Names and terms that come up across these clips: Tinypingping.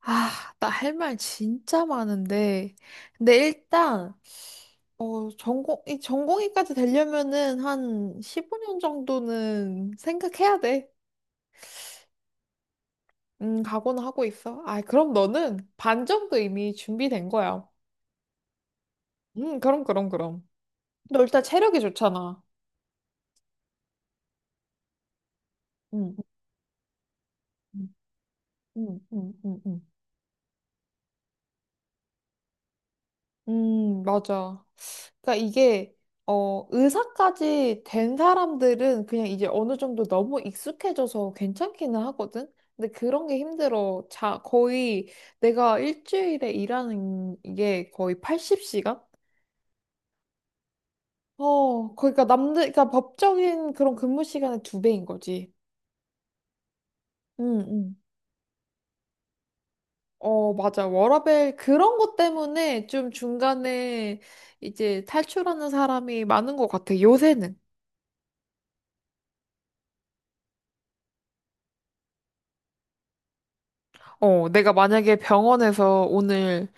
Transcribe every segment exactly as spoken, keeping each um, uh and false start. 아, 나 할 말 진짜 많은데. 근데 일단, 어, 전공, 이 전공의까지 되려면은 한 십오 년 정도는 생각해야 돼. 음, 각오는 하고 있어. 아, 그럼 너는 반 정도 이미 준비된 거야. 음, 그럼, 그럼, 그럼. 너 일단 체력이 좋잖아. 음, 음, 음, 음, 음. 음, 음, 맞아. 그러니까 이게 어, 의사까지 된 사람들은 그냥 이제 어느 정도 너무 익숙해져서 괜찮기는 하거든. 근데 그런 게 힘들어. 자, 거의 내가 일주일에 일하는 이게 거의 팔십 시간? 어, 그러니까 남들, 그러니까 법적인 그런 근무 시간의 두 배인 거지. 응, 응. 어, 맞아. 워라밸 그런 것 때문에 좀 중간에 이제 탈출하는 사람이 많은 것 같아, 요새는. 어, 내가 만약에 병원에서 오늘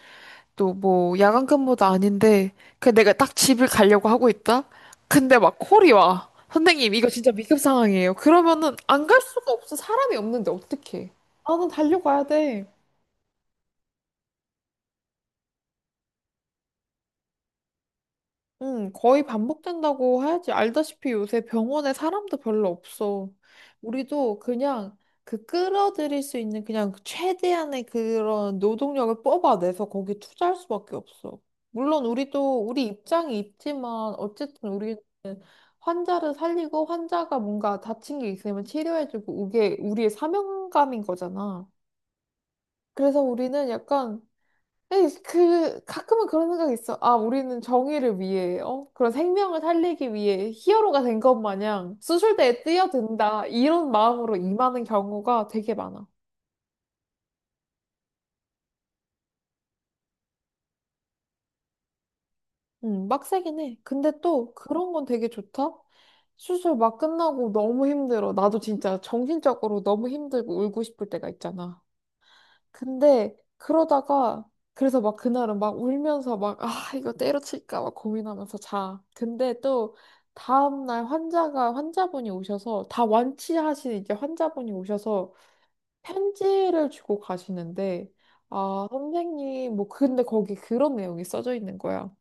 또 뭐 야간 근무도 아닌데 그 내가 딱 집을 가려고 하고 있다. 근데 막 콜이 와. 선생님 이거 진짜 위급 상황이에요. 그러면은 안 갈 수가 없어. 사람이 없는데 어떡해. 나는 달려가야 돼. 응, 거의 반복된다고 해야지. 알다시피 요새 병원에 사람도 별로 없어. 우리도 그냥 그 끌어들일 수 있는 그냥 최대한의 그런 노동력을 뽑아내서 거기 투자할 수밖에 없어. 물론 우리도 우리 입장이 있지만 어쨌든 우리는 환자를 살리고 환자가 뭔가 다친 게 있으면 치료해주고 이게 우리의 사명감인 거잖아. 그래서 우리는 약간 에이, 그 가끔은 그런 생각이 있어. 아, 우리는 정의를 위해, 어? 그런 생명을 살리기 위해 히어로가 된 것 마냥 수술대에 뛰어든다. 이런 마음으로 임하는 경우가 되게 많아. 음, 빡세긴 해. 근데 또 그런 건 되게 좋다. 수술 막 끝나고 너무 힘들어. 나도 진짜 정신적으로 너무 힘들고 울고 싶을 때가 있잖아. 근데 그러다가 그래서 막 그날은 막 울면서 막 아 이거 때려칠까 막 고민하면서 자. 근데 또 다음날 환자가 환자분이 오셔서 다 완치하신 이제 환자분이 오셔서 편지를 주고 가시는데 아 선생님 뭐 근데 거기 그런 내용이 써져 있는 거야.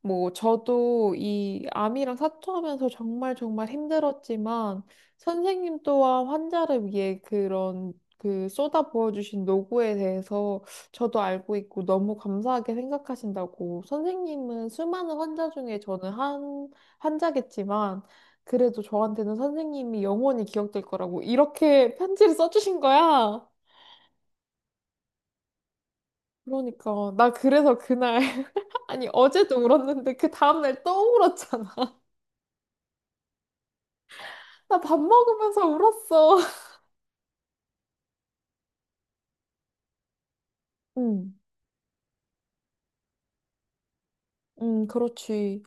뭐, 저도 이 암이랑 사투하면서 정말 정말 힘들었지만, 선생님 또한 환자를 위해 그런, 그 쏟아 부어주신 노고에 대해서 저도 알고 있고 너무 감사하게 생각하신다고. 선생님은 수많은 환자 중에 저는 한 환자겠지만, 그래도 저한테는 선생님이 영원히 기억될 거라고 이렇게 편지를 써주신 거야. 그러니까, 나 그래서 그날, 아니, 어제도 울었는데 그 다음날 또 울었잖아. 나 밥 먹으면서 울었어. 응, 응, 그렇지.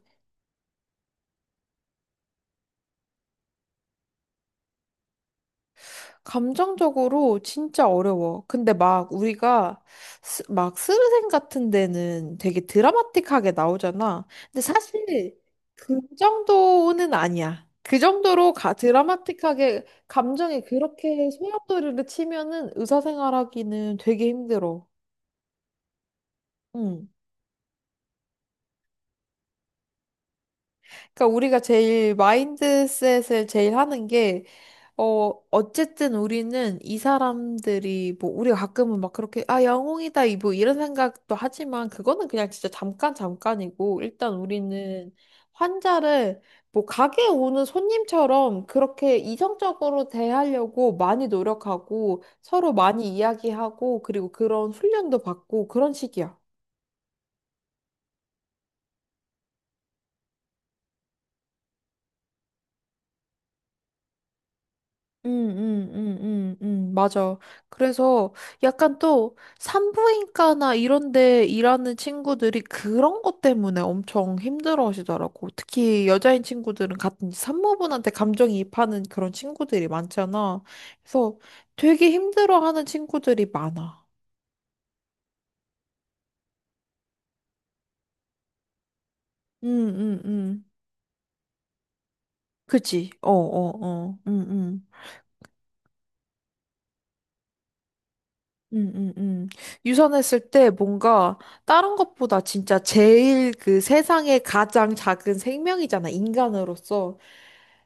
감정적으로 진짜 어려워. 근데 막 우리가 스, 막 스르생 같은 데는 되게 드라마틱하게 나오잖아. 근데 사실 그 정도는 아니야. 그 정도로 가, 드라마틱하게 감정이 그렇게 소용돌이를 치면은 의사생활하기는 되게 힘들어. 응. 그러니까 우리가 제일 마인드셋을 제일 하는 게 어, 어쨌든 우리는 이 사람들이, 뭐, 우리가 가끔은 막 그렇게, 아, 영웅이다, 이 뭐, 이런 생각도 하지만, 그거는 그냥 진짜 잠깐, 잠깐이고, 일단 우리는 환자를, 뭐, 가게에 오는 손님처럼 그렇게 이성적으로 대하려고 많이 노력하고, 서로 많이 이야기하고, 그리고 그런 훈련도 받고, 그런 식이야. 음, 음, 음, 음, 음, 맞아. 그래서 약간 또 산부인과나 이런 데 일하는 친구들이 그런 것 때문에 엄청 힘들어 하시더라고. 특히 여자인 친구들은 같은 산모분한테 감정이입하는 그런 친구들이 많잖아. 그래서 되게 힘들어 하는 친구들이 많아. 음, 음, 음. 그지? 어, 어, 어. 음, 음. 음, 음, 음. 유선했을 때 뭔가 다른 것보다 진짜 제일 그 세상에 가장 작은 생명이잖아, 인간으로서.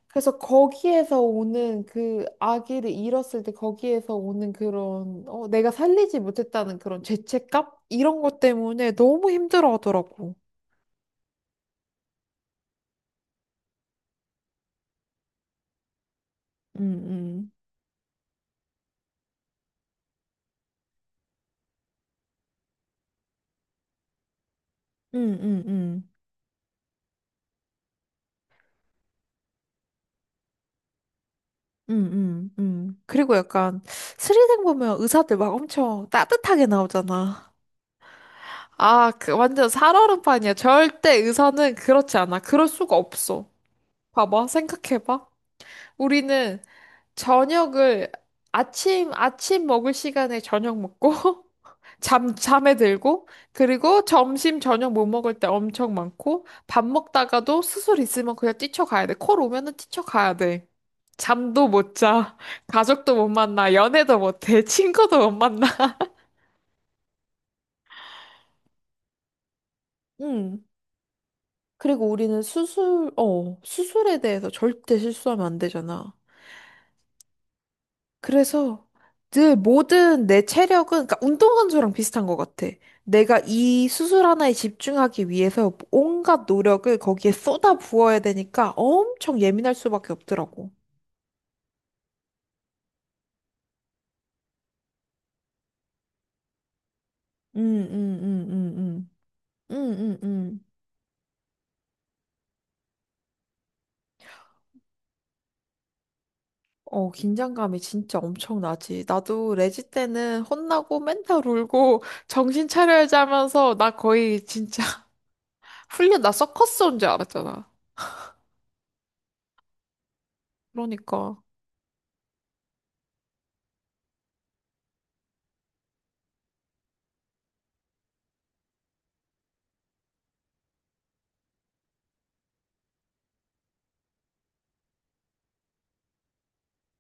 그래서 거기에서 오는 그 아기를 잃었을 때 거기에서 오는 그런, 어, 내가 살리지 못했다는 그런 죄책감? 이런 것 때문에 너무 힘들어 하더라고. 음, 음, 음, 음, 음. 음, 음, 음. 그리고 약간 스리생 보면 의사들 막 엄청 따뜻하게 나오잖아. 아, 그 완전 살얼음판이야. 절대 의사는 그렇지 않아. 그럴 수가 없어. 봐봐, 생각해봐. 우리는 저녁을 아침, 아침 먹을 시간에 저녁 먹고, 잠, 잠에 들고, 그리고 점심, 저녁 못 먹을 때 엄청 많고, 밥 먹다가도 수술 있으면 그냥 뛰쳐가야 돼. 콜 오면은 뛰쳐가야 돼. 잠도 못 자. 가족도 못 만나. 연애도 못 해. 친구도 못 만나. 응. 그리고 우리는 수술, 어, 수술에 대해서 절대 실수하면 안 되잖아. 그래서 늘 모든 내 체력은, 그러니까 운동한 수랑 비슷한 것 같아. 내가 이 수술 하나에 집중하기 위해서 온갖 노력을 거기에 쏟아 부어야 되니까 엄청 예민할 수밖에 없더라고. 응응응응응응응. 어, 긴장감이 진짜 엄청 나지. 나도 레지 때는 혼나고 맨날 울고 정신 차려야지 하면서 나 거의 진짜 훈련 나 서커스 온 줄 알았잖아. 그러니까.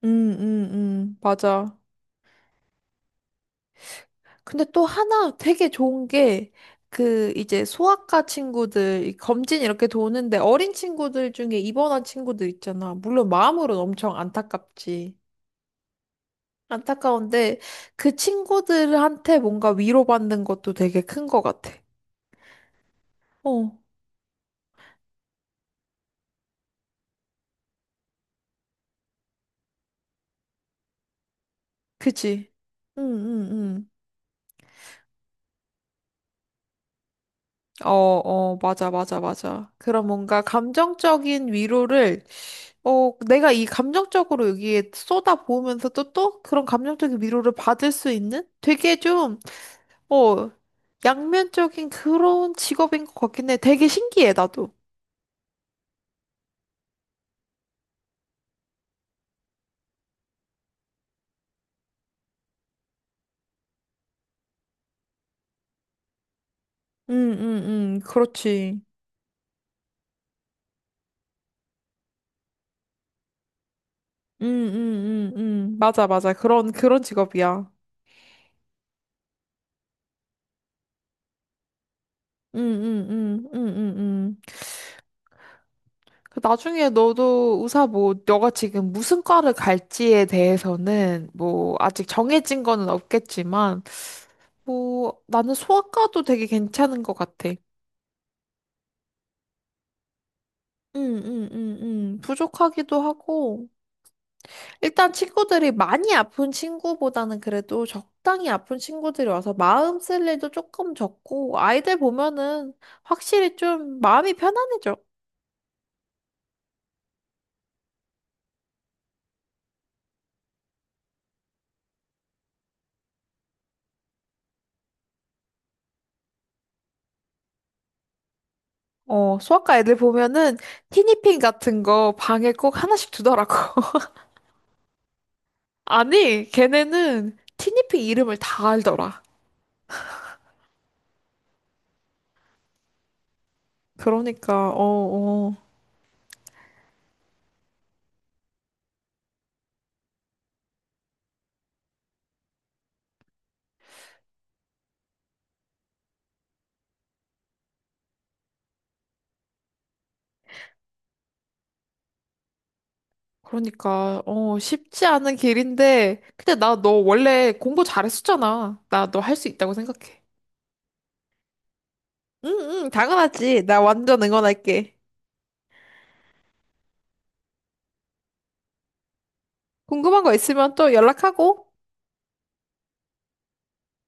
음, 음, 음, 맞아. 근데 또 하나 되게 좋은 게, 그, 이제 소아과 친구들, 이 검진 이렇게 도는데 어린 친구들 중에 입원한 친구들 있잖아. 물론 마음으로는 엄청 안타깝지. 안타까운데 그 친구들한테 뭔가 위로받는 것도 되게 큰 것 같아. 어, 그치? 응, 응, 응. 어, 어, 맞아, 맞아, 맞아. 그런 뭔가 감정적인 위로를 어, 내가 이 감정적으로 여기에 쏟아부으면서도 또 그런 감정적인 위로를 받을 수 있는 되게 좀, 어, 양면적인 그런 직업인 것 같긴 해. 되게 신기해, 나도. 응, 응, 응, 그렇지. 응, 응, 응, 응. 맞아, 맞아. 그런, 그런 직업이야. 응, 응, 응, 응, 응, 응. 그 나중에 너도 의사 뭐, 너가 지금 무슨 과를 갈지에 대해서는 뭐, 아직 정해진 거는 없겠지만, 뭐, 나는 소아과도 되게 괜찮은 것 같아. 응, 응, 응, 응. 부족하기도 하고. 일단 친구들이 많이 아픈 친구보다는 그래도 적당히 아픈 친구들이 와서 마음 쓸 일도 조금 적고, 아이들 보면은 확실히 좀 마음이 편안해져. 어, 소아과 애들 보면은 티니핑 같은 거 방에 꼭 하나씩 두더라고. 아니, 걔네는 티니핑 이름을 다 알더라. 그러니까, 어, 어. 그러니까, 어, 쉽지 않은 길인데, 근데 나 너 원래 공부 잘했었잖아. 나 너 할 수 있다고 생각해. 응, 응, 당연하지. 나 완전 응원할게. 궁금한 거 있으면 또 연락하고.